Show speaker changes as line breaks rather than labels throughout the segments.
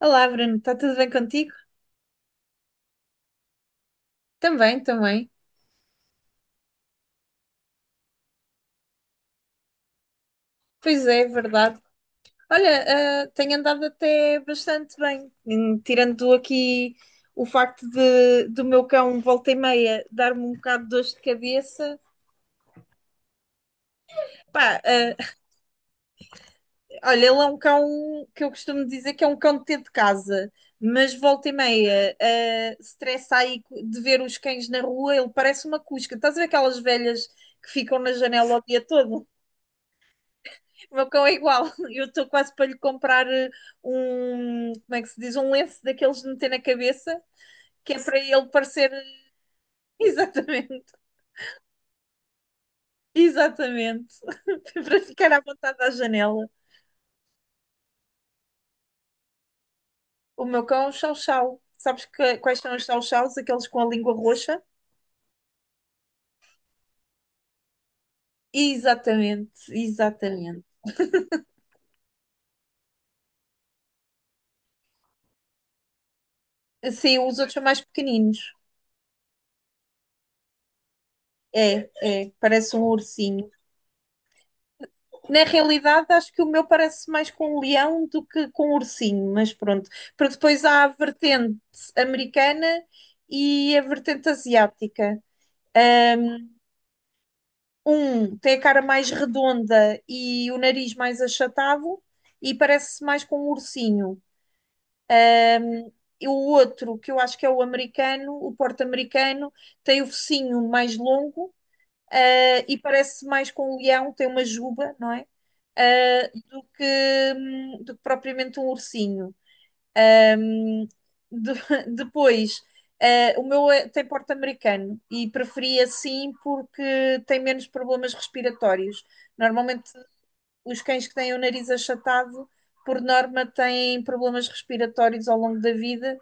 Olá, Bruno, está tudo bem contigo? Também, também. Pois é, é verdade. Olha, tenho andado até bastante bem, tirando aqui o facto do meu cão volta e meia dar-me um bocado de dores de cabeça. Pá, olha, ele é um cão que eu costumo dizer que é um cão de ter de casa, mas volta e meia, se aí de ver os cães na rua, ele parece uma cusca. Estás a ver aquelas velhas que ficam na janela o dia todo? O meu cão é igual. Eu estou quase para lhe comprar como é que se diz? Um lenço daqueles de meter na cabeça, que é para ele parecer. Exatamente, exatamente. Para ficar à vontade à janela. O meu cão é um chau-chau. Quais são os chau-chaus? Aqueles com a língua roxa? Exatamente, exatamente. Sim, os outros são mais pequeninos. É, é, parece um ursinho. Na realidade, acho que o meu parece mais com um leão do que com um ursinho, mas pronto. Para depois há a vertente americana e a vertente asiática. Um tem a cara mais redonda e o nariz mais achatado e parece mais com um ursinho. E o outro, que eu acho que é o americano, o porte americano tem o focinho mais longo e parece mais com um leão, tem uma juba, não é? Eh, do que, do que propriamente um ursinho. Hum, De- depois, tem porte americano e preferi assim porque tem menos problemas respiratórios. Normalmente, os cães que têm o nariz achatado, por norma, têm problemas respiratórios ao longo da vida.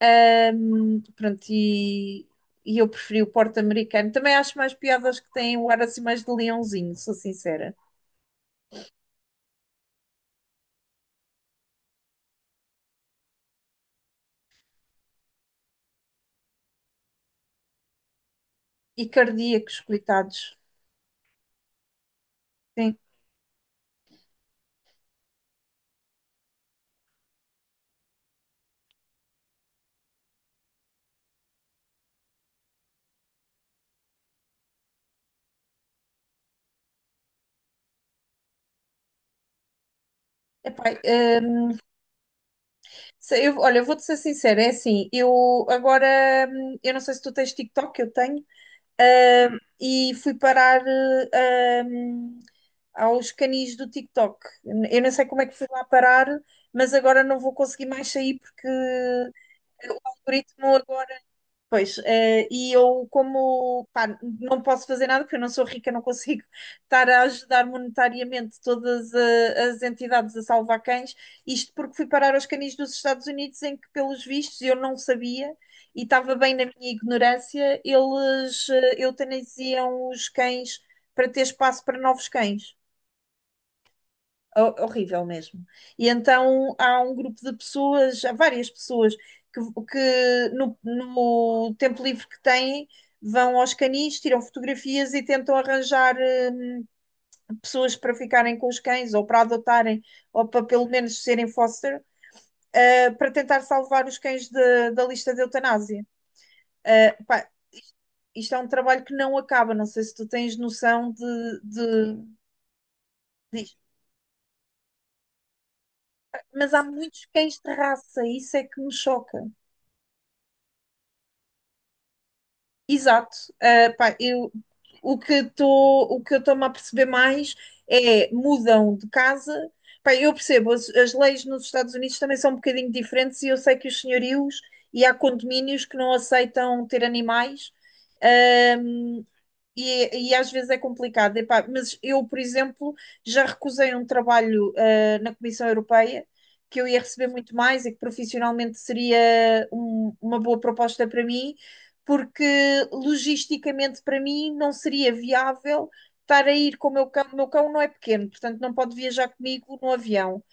Pronto, e eu preferi o Porto Americano. Também acho mais piadas que têm o ar assim mais de leãozinho, sou sincera. E cardíacos, coitados. Sim. Epá, eu, olha, eu vou-te ser sincera, é assim, eu agora, eu não sei se tu tens TikTok, eu tenho, e fui parar eh, ahm, aos canis do TikTok. Eu não sei como é que fui lá parar, mas agora não vou conseguir mais sair porque o algoritmo agora. Pois, e eu como, pá, não posso fazer nada porque eu não sou rica, não consigo estar a ajudar monetariamente todas as entidades a salvar cães, isto porque fui parar aos canis dos Estados Unidos em que, pelos vistos, eu não sabia e estava bem na minha ignorância, eles eutanasiam os cães para ter espaço para novos cães. Horrível mesmo. E então há um grupo de pessoas, há várias pessoas que, que no, no tempo livre que têm vão aos canis, tiram fotografias e tentam arranjar pessoas para ficarem com os cães ou para adotarem ou para pelo menos serem foster, para tentar salvar os cães da lista de eutanásia. Pá, isto é um trabalho que não acaba, não sei se tu tens noção disto. Mas há muitos cães de raça, isso é que me choca. Exato. Ah, pá, eu, o que estou, o que eu estou-me a perceber mais é mudam de casa. Pá, eu percebo, as leis nos Estados Unidos também são um bocadinho diferentes e eu sei que os senhorios e há condomínios que não aceitam ter animais. Ah, e às vezes é complicado. Epá, mas eu, por exemplo, já recusei um trabalho, na Comissão Europeia que eu ia receber muito mais e que profissionalmente seria uma boa proposta para mim, porque logisticamente para mim não seria viável estar a ir com o meu cão. O meu cão não é pequeno, portanto não pode viajar comigo no avião.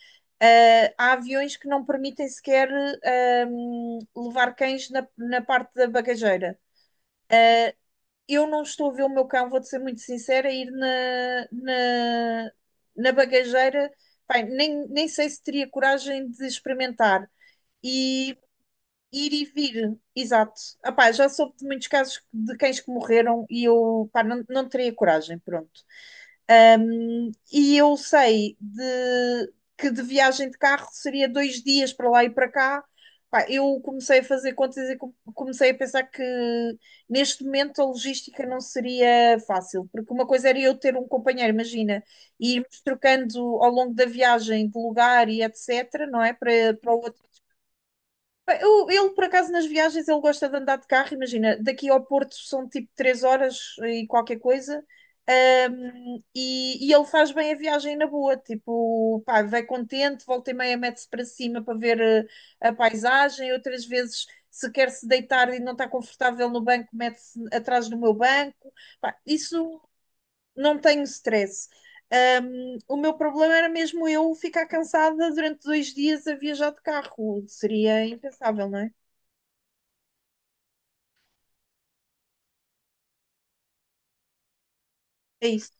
Há aviões que não permitem sequer, levar cães na parte da bagageira. Eu não estou a ver o meu cão, vou-te ser muito sincera, ir na bagageira. Bem, nem sei se teria coragem de experimentar. E ir e vir, exato. Pá, já soube de muitos casos de cães que morreram e eu, pá, não, não teria coragem, pronto. E eu sei de, que de viagem de carro seria 2 dias para lá e para cá. Pá, eu comecei a fazer contas e comecei a pensar que neste momento a logística não seria fácil, porque uma coisa era eu ter um companheiro, imagina, e irmos trocando ao longo da viagem de lugar e etc, não é? Para o outro. Bem, ele, por acaso, nas viagens, ele gosta de andar de carro. Imagina, daqui ao Porto são tipo 3 horas e qualquer coisa. E ele faz bem a viagem na boa. Tipo, pá, vai contente, volta e meia mete-se para cima para ver a paisagem. Outras vezes, se quer se deitar e não está confortável no banco, mete-se atrás do meu banco. Pá, isso não tenho stress. O meu problema era mesmo eu ficar cansada durante 2 dias a viajar de carro. Seria impensável, não é? É isso.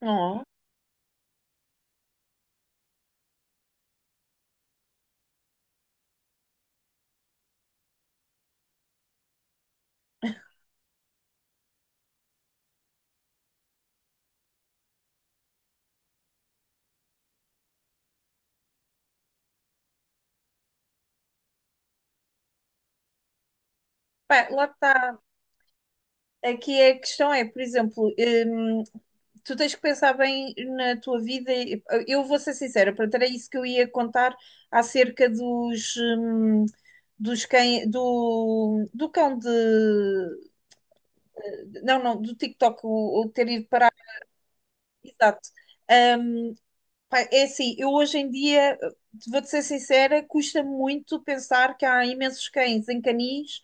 Não. Pá, lá está. Aqui a questão é, por exemplo, hum, tu tens que pensar bem na tua vida. Eu vou ser sincera, pronto, era isso que eu ia contar acerca dos cães, do cão não, não, do TikTok, o ter ido parar. Exato. Ah, Pá, é assim, eu hoje em dia, vou-te ser sincera, custa muito pensar que há imensos cães em canis,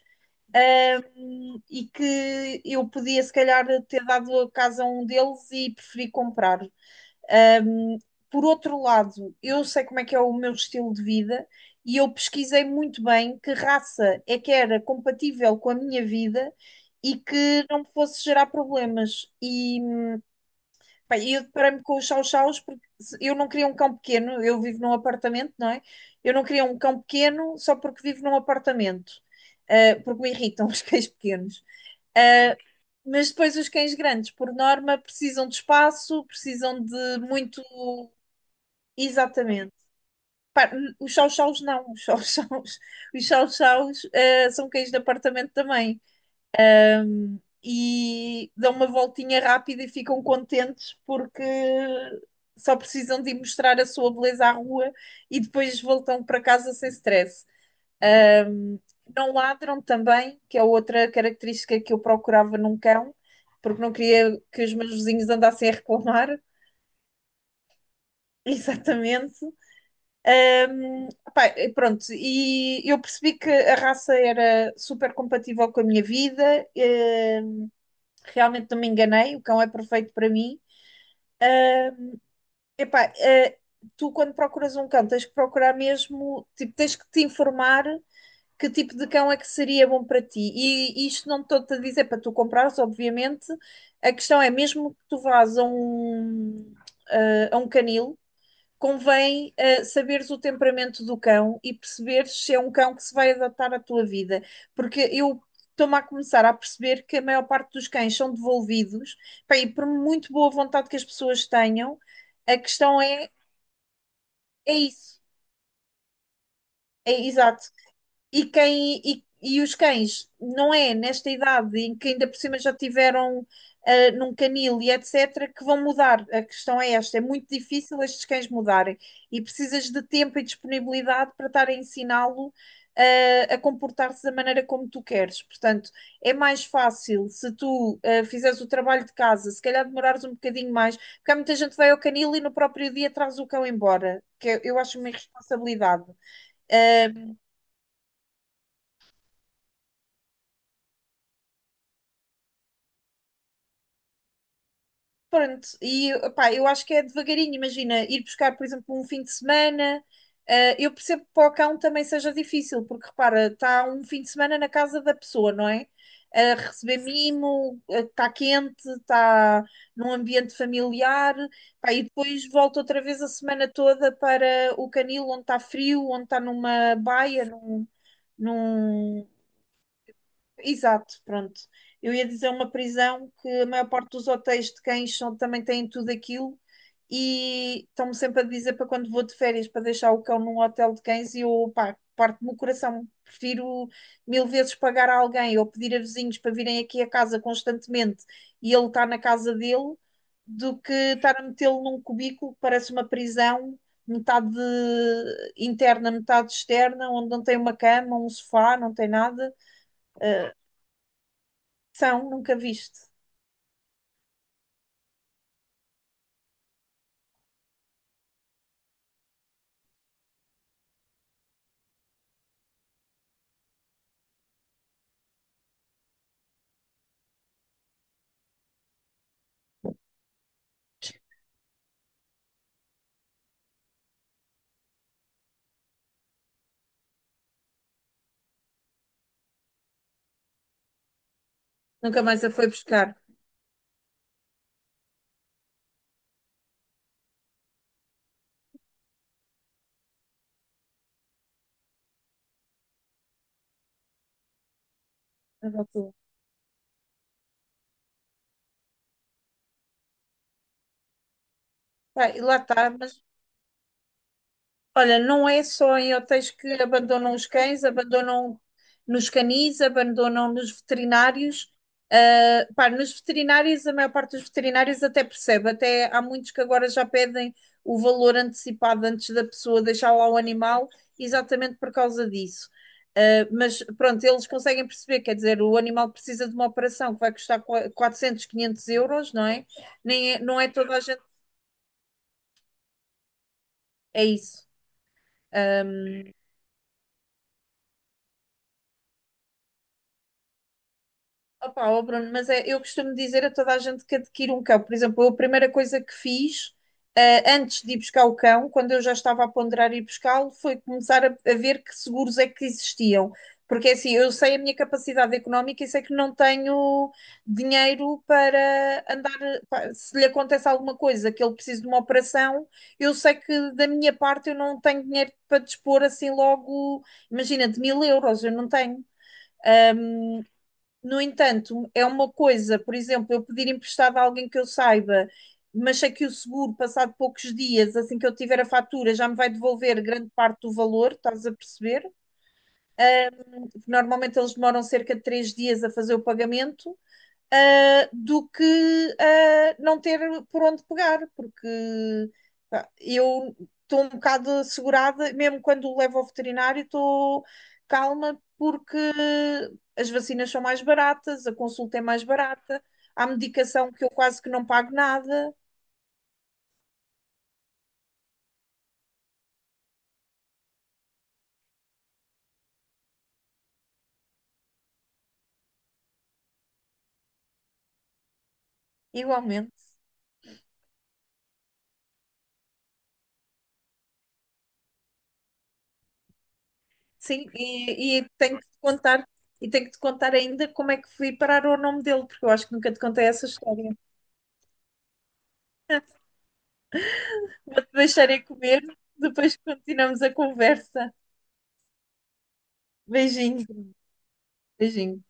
e que eu podia, se calhar, ter dado a casa a um deles e preferi comprar. Hum, por outro lado, eu sei como é que é o meu estilo de vida e eu pesquisei muito bem que raça é que era compatível com a minha vida e que não me fosse gerar problemas. E pá, eu deparei-me com os chow-chows porque eu não queria um cão pequeno, eu vivo num apartamento, não é? Eu não queria um cão pequeno só porque vivo num apartamento, porque me irritam os cães pequenos. Uh, mas depois os cães grandes, por norma, precisam de espaço, precisam de muito. Exatamente. Pá, os chow-chows não, os chow-chows, os chow-chows, são cães de apartamento também e dão uma voltinha rápida e ficam contentes porque só precisam de ir mostrar a sua beleza à rua e depois voltam para casa sem stress. Um, não ladram também, que é outra característica que eu procurava num cão, porque não queria que os meus vizinhos andassem a reclamar. Exatamente. Hum, Pá, e pronto, e eu percebi que a raça era super compatível com a minha vida. Realmente não me enganei, o cão é perfeito para mim. Epá, tu quando procuras um cão tens que procurar mesmo, tipo, tens que te informar que tipo de cão é que seria bom para ti. E isto não estou-te a dizer para tu comprares, obviamente. A questão é, mesmo que tu vás a um canil, convém saberes o temperamento do cão e perceberes se é um cão que se vai adaptar à tua vida. Porque eu estou-me a começar a perceber que a maior parte dos cães são devolvidos, pá, e por muito boa vontade que as pessoas tenham, a questão é, é isso. É, exato. E os cães, não é nesta idade em que ainda por cima já tiveram num canil e etc., que vão mudar. A questão é esta: é muito difícil estes cães mudarem e precisas de tempo e disponibilidade para estar a ensiná-lo a comportar-se da maneira como tu queres. Portanto, é mais fácil se tu fizeres o trabalho de casa, se calhar demorares um bocadinho mais, porque há muita gente que vai ao canil e no próprio dia traz o cão embora, que eu acho uma irresponsabilidade. Pronto, e opá, eu acho que é devagarinho, imagina, ir buscar, por exemplo, um fim de semana. Eu percebo que para o cão também seja difícil, porque repara, está um fim de semana na casa da pessoa, não é? A receber mimo, está quente, está num ambiente familiar, pá, e depois volta outra vez a semana toda para o canil onde está frio, onde está numa baia, num- exato, pronto. Eu ia dizer uma prisão que a maior parte dos hotéis de cães também têm tudo aquilo e estão-me sempre a dizer para quando vou de férias para deixar o cão num hotel de cães e eu, pá, parte-me o coração. Prefiro mil vezes pagar a alguém ou pedir a vizinhos para virem aqui a casa constantemente e ele está na casa dele do que estar a metê-lo num cubículo que parece uma prisão, metade interna, metade externa, onde não tem uma cama, um sofá, não tem nada. Ah, São, nunca viste. Nunca mais a foi buscar. Mas ok. Pá, e lá está, mas olha, não é só em hotéis que abandonam os cães, abandonam nos canis, abandonam nos veterinários. Pá, nos veterinários, a maior parte dos veterinários até percebe, até há muitos que agora já pedem o valor antecipado antes da pessoa deixar lá o animal, exatamente por causa disso. Mas pronto, eles conseguem perceber, quer dizer, o animal precisa de uma operação que vai custar 400, 500 euros, não é? Nem, não é toda a gente. É isso. Opa, ó Bruno, mas é, eu costumo dizer a toda a gente que adquire um cão. Por exemplo, eu a primeira coisa que fiz, antes de ir buscar o cão, quando eu já estava a ponderar ir buscá-lo, foi começar a ver que seguros é que existiam. Porque assim, eu sei a minha capacidade económica e sei que não tenho dinheiro para andar. Pá, se lhe acontece alguma coisa, que ele precise de uma operação, eu sei que da minha parte eu não tenho dinheiro para dispor assim logo, imagina, de 1.000 euros, eu não tenho. No entanto, é uma coisa, por exemplo, eu pedir emprestado a alguém que eu saiba, mas sei que o seguro, passado poucos dias, assim que eu tiver a fatura, já me vai devolver grande parte do valor, estás a perceber? Normalmente eles demoram cerca de 3 dias a fazer o pagamento do que não ter por onde pegar, porque pá, eu estou um bocado assegurada, mesmo quando o levo ao veterinário, estou calma porque as vacinas são mais baratas, a consulta é mais barata, há medicação que eu quase que não pago nada, igualmente. Sim, e tenho que te contar, e tenho que te contar ainda como é que fui parar o nome dele, porque eu acho que nunca te contei essa história. Deixarei comer, depois continuamos a conversa. Beijinho, beijinho.